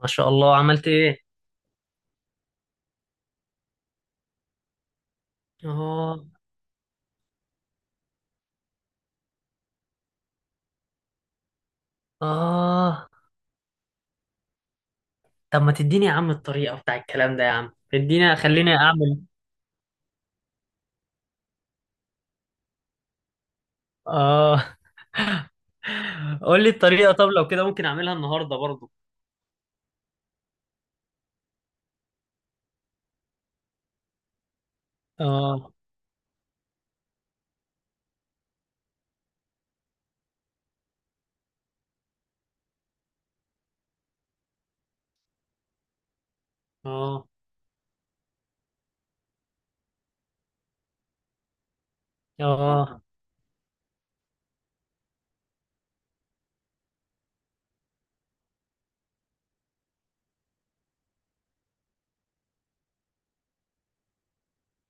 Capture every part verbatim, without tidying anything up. ما شاء الله، عملت ايه؟ اه. اه. طب ما تديني يا عم الطريقة بتاع الكلام ده؟ يا عم اديني خليني اعمل. اه. قول لي الطريقة. طب لو كده ممكن اعملها النهاردة برضو. اه. اه. اه.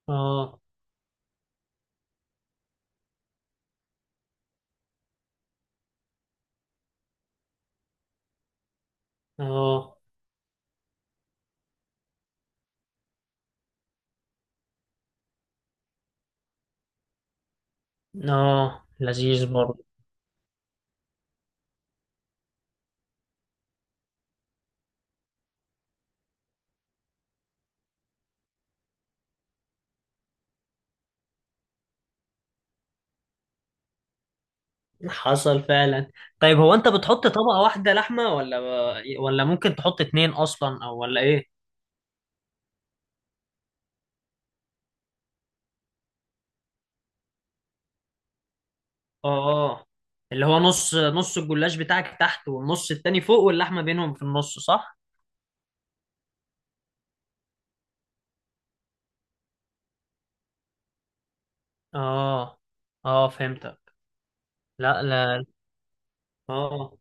اه. اه. اه لذيذ برضو. حصل فعلا. طيب هو انت بتحط طبقة واحدة لحمة ولا ولا ممكن تحط اتنين اصلا او ولا ايه؟ اه. اه. اللي هو نص نص الجلاش بتاعك تحت والنص التاني فوق واللحمة بينهم في النص، صح؟ اه. اه فهمتك. لا لا. اه.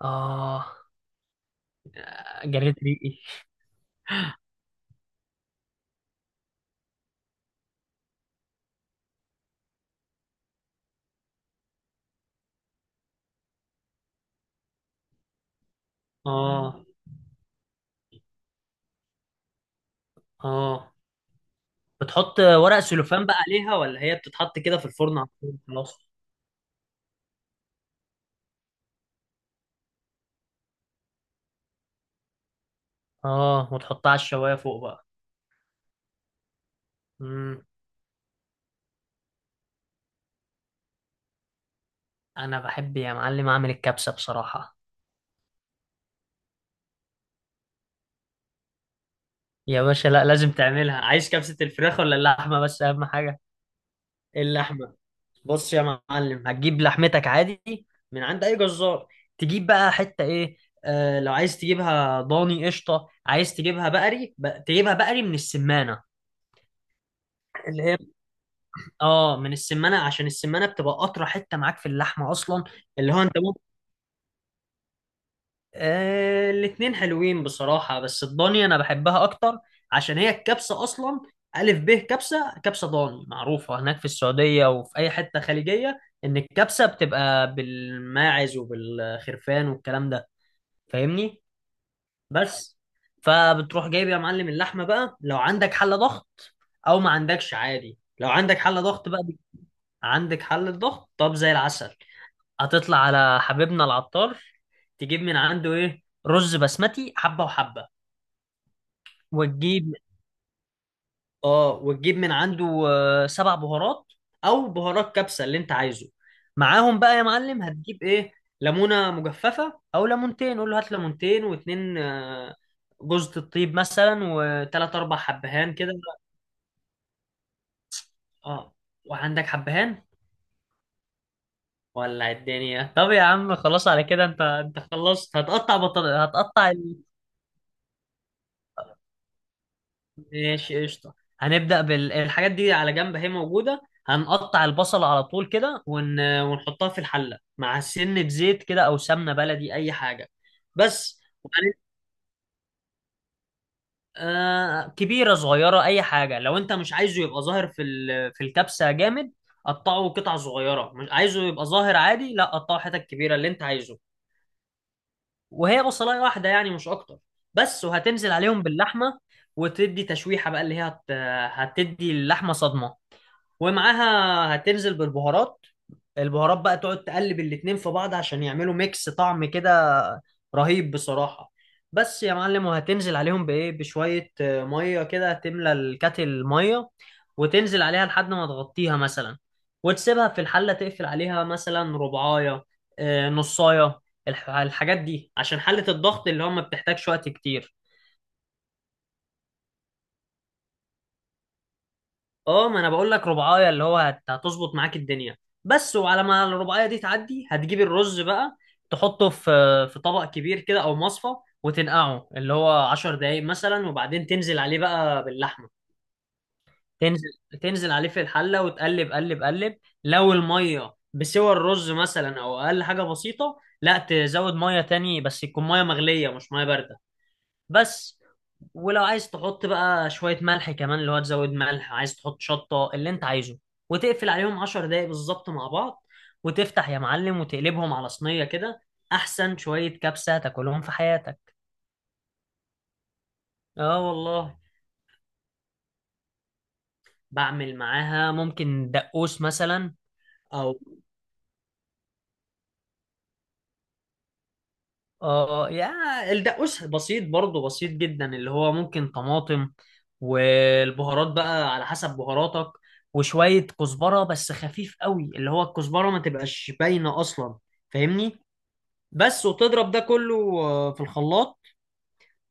اه جريت ريقي. اه. اه بتحط ورق سلوفان بقى عليها، ولا هي بتتحط كده في الفرن على طول خلاص؟ اه وتحطها على الشوايه فوق بقى. امم. انا بحب يا معلم اعمل الكبسه بصراحه. يا باشا لا لازم تعملها. عايز كبسه الفراخ ولا اللحمه؟ بس اهم حاجه اللحمه. بص يا معلم، هتجيب لحمتك عادي من عند اي جزار. تجيب بقى حته ايه؟ آه لو عايز تجيبها ضاني قشطه، عايز تجيبها بقري ب... تجيبها بقري من السمانه. اللي هي اه من السمانه، عشان السمانه بتبقى قطره حته معاك في اللحمه اصلا. اللي هو انت آه الاتنين حلوين بصراحة، بس الضاني أنا بحبها أكتر، عشان هي الكبسة أصلا. ألف ب كبسة، كبسة ضاني معروفة هناك في السعودية وفي أي حتة خليجية، إن الكبسة بتبقى بالماعز وبالخرفان والكلام ده. فاهمني؟ بس. فبتروح جايب يا معلم اللحمة بقى، لو عندك حلة ضغط أو ما عندكش عادي. لو عندك حلة ضغط بقى، عندك حلة ضغط، طب زي العسل. هتطلع على حبيبنا العطار، تجيب من عنده ايه؟ رز بسمتي حبة وحبة. وتجيب اه وتجيب من عنده آه، سبع بهارات او بهارات كبسة اللي انت عايزه. معاهم بقى يا معلم هتجيب ايه؟ ليمونة مجففة او ليمونتين، قول له هات ليمونتين، واتنين آه، جوزة الطيب مثلا، وتلات اربع حبهان كده. اه. وعندك حبهان؟ ولع الدنيا. طب يا عم خلاص على كده انت انت خلصت، هتقطع بطل... هتقطع. ماشي قشطة. هنبدأ بالحاجات دي على جنب هي موجودة. هنقطع البصل على طول كده ون... ونحطها في الحلة مع سنة زيت كده أو سمنة بلدي أي حاجة. بس وبعدين آه... كبيرة صغيرة أي حاجة. لو أنت مش عايزه يبقى ظاهر في ال... في الكبسة جامد قطعه قطع صغيرة. مش عايزه يبقى ظاهر عادي، لا قطعه حتت كبيرة اللي أنت عايزه. وهي بصلاية واحدة يعني مش أكتر. بس وهتنزل عليهم باللحمة. وتدي تشويحة بقى، اللي هي هت... هتدي اللحمة صدمة. ومعاها هتنزل بالبهارات. البهارات بقى تقعد تقلب الاتنين في بعض عشان يعملوا ميكس طعم كده رهيب بصراحة. بس يا معلم. وهتنزل عليهم بإيه؟ بشوية آه، مية كده، تملى الكاتل مية وتنزل عليها لحد ما تغطيها مثلا. وتسيبها في الحلة تقفل عليها مثلا ربعاية، آه، نصاية. الح- الحاجات دي عشان حلة الضغط اللي هو ما بتحتاجش وقت كتير. اه ما انا بقول لك رباعية، اللي هو هت- هتظبط معاك الدنيا. بس. وعلى ما الرباعية دي تعدي هتجيب الرز بقى، تحطه في في طبق كبير كده او مصفى. وتنقعه اللي هو عشر دقايق مثلا، وبعدين تنزل عليه بقى باللحمة. تنزل تنزل عليه في الحلة وتقلب قلب قلب. لو المية بسوى الرز مثلا او اقل حاجة بسيطة، لا تزود مية تاني، بس يكون مية مغلية مش مية باردة. بس. ولو عايز تحط بقى شوية ملح كمان، اللي هو تزود ملح، عايز تحط شطة اللي انت عايزه. وتقفل عليهم عشر دقايق بالظبط مع بعض. وتفتح يا معلم وتقلبهم على صينية كده، أحسن شوية كبسة تاكلهم في حياتك. اه والله. بعمل معاها ممكن دقوس مثلا. او اه، يا الدقوس بسيط برضه، بسيط جدا، اللي هو ممكن طماطم، والبهارات بقى على حسب بهاراتك، وشوية كزبرة بس خفيف قوي، اللي هو الكزبرة ما تبقاش باينة أصلا. فاهمني؟ بس وتضرب ده كله آه، في الخلاط.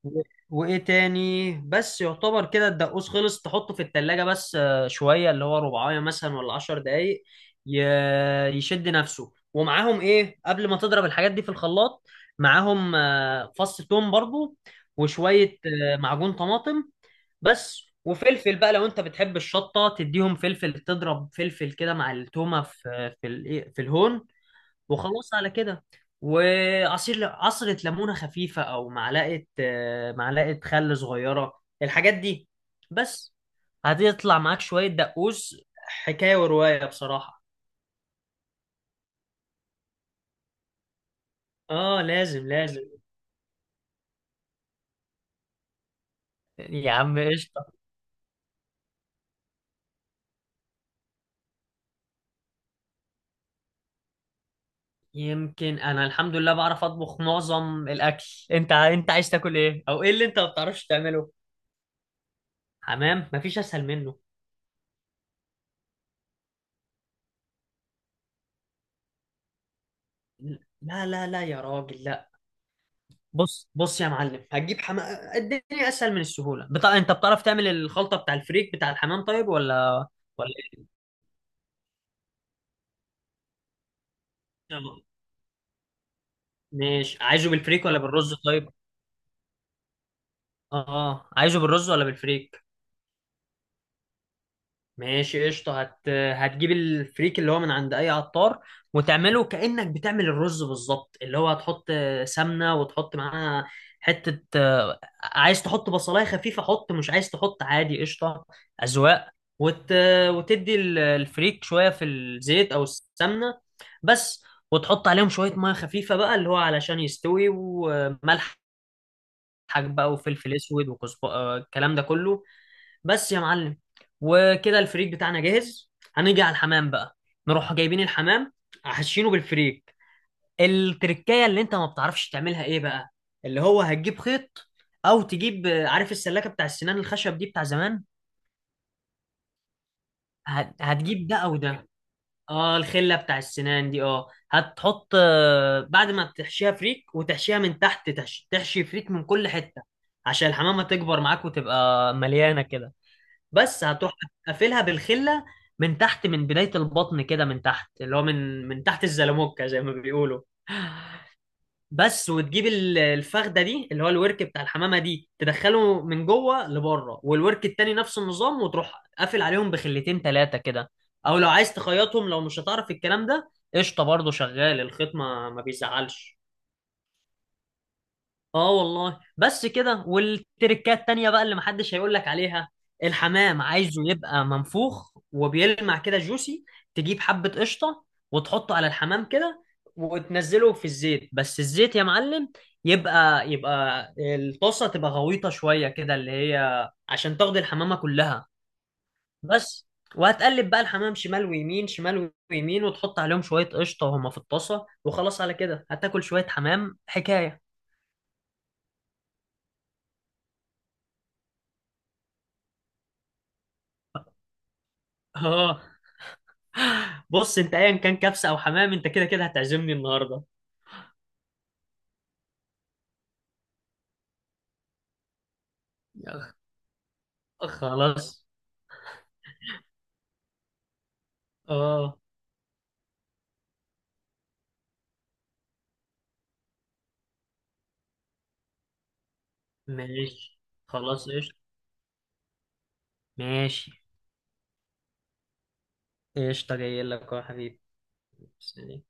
و- وايه تاني؟ بس يعتبر كده الدقوس خلص، تحطه في التلاجة بس آه، شوية، اللي هو ربعاية مثلا ولا عشر دقايق ي- يشد نفسه. ومعاهم ايه قبل ما تضرب الحاجات دي في الخلاط؟ معاهم آه، فص ثوم برضو، وشوية آه، معجون طماطم. بس. وفلفل بقى لو انت بتحب الشطة تديهم فلفل، تضرب فلفل كده مع التومة في في الإيه- في الهون. وخلاص على كده. وعصير عصرة ليمونة خفيفة، أو معلقة آه، معلقة خل صغيرة الحاجات دي. بس. هتطلع معاك شوية دقوس حكاية ورواية بصراحة. اه لازم لازم. يا عم قشطة. يمكن أنا الحمد لله بعرف أطبخ معظم الأكل. أنت أنت عايز تاكل إيه؟ أو إيه اللي أنت ما بتعرفش تعمله؟ حمام مفيش أسهل منه. لا لا لا يا راجل لا. بص بص يا معلم، هتجيب حمام الدنيا اسهل من السهوله بتا... انت بتعرف تعمل الخلطه بتاع الفريك بتاع الحمام طيب، ولا ولا إيه؟ ماشي، عايزه بالفريك ولا بالرز طيب؟ اه عايزه بالرز ولا بالفريك؟ ماشي قشطة. هت... هتجيب الفريك اللي هو من عند أي عطار، وتعمله كأنك بتعمل الرز بالظبط، اللي هو هتحط سمنة، وتحط معاها حتة. عايز تحط بصلاية خفيفة حط، مش عايز تحط عادي قشطة، أذواق. وت... وتدي ال- الفريك شوية في الزيت أو السمنة. بس. وتحط عليهم شوية مية خفيفة بقى، اللي هو علشان يستوي، وملح بقى وفلفل أسود وكزب آه، الكلام ده كله. بس يا معلم. وكده الفريك بتاعنا جاهز، هنيجي على الحمام بقى. نروح جايبين الحمام حاشينه بالفريك. التركية اللي انت ما بتعرفش تعملها ايه بقى؟ اللي هو هتجيب خيط، او تجيب آه، عارف السلاكة بتاع السنان الخشب دي بتاع زمان؟ هت- هتجيب ده او ده. اه، الخلة بتاع السنان دي. اه هتحط آه، بعد ما تحشيها فريك وتحشيها من تحت، تحشي, تحشي فريك من كل حتة، عشان الحمامة تكبر معاك وتبقى مليانة كده. بس هتروح قافلها بالخله من تحت، من بدايه البطن كده من تحت، اللي هو من من تحت الزلموكه زي ما بيقولوا. بس وتجيب ال- الفخده دي اللي هو الورك بتاع الحمامه دي، تدخله من جوه لبره، والورك التاني نفس النظام، وتروح قافل عليهم بخلتين ثلاثه كده. او لو عايز تخيطهم لو مش هتعرف الكلام ده قشطه برضه، شغال الخيط، ما ما بيزعلش. اه والله. بس كده. والتركات تانية بقى اللي محدش هيقول لك عليها. الحمام عايزه يبقى منفوخ وبيلمع كده جوسي. تجيب حبة قشطة وتحطه على الحمام كده، وتنزله في الزيت. بس الزيت يا معلم يبقى، يبقى الطاسة تبقى غويطة شوية كده، اللي هي عشان تاخد الحمامة كلها. بس. وهتقلب بقى الحمام شمال ويمين، شمال ويمين، وتحط عليهم شوية قشطة وهما في الطاسة، وخلاص على كده هتاكل شوية حمام حكاية. اه. بص انت ايا كان كبسه او حمام انت كده كده هتعزمني النهارده. يلا. خلاص. اه ماشي. خلاص قشطه. ماشي. قشطه جاي لك يا حبيبي. سلام.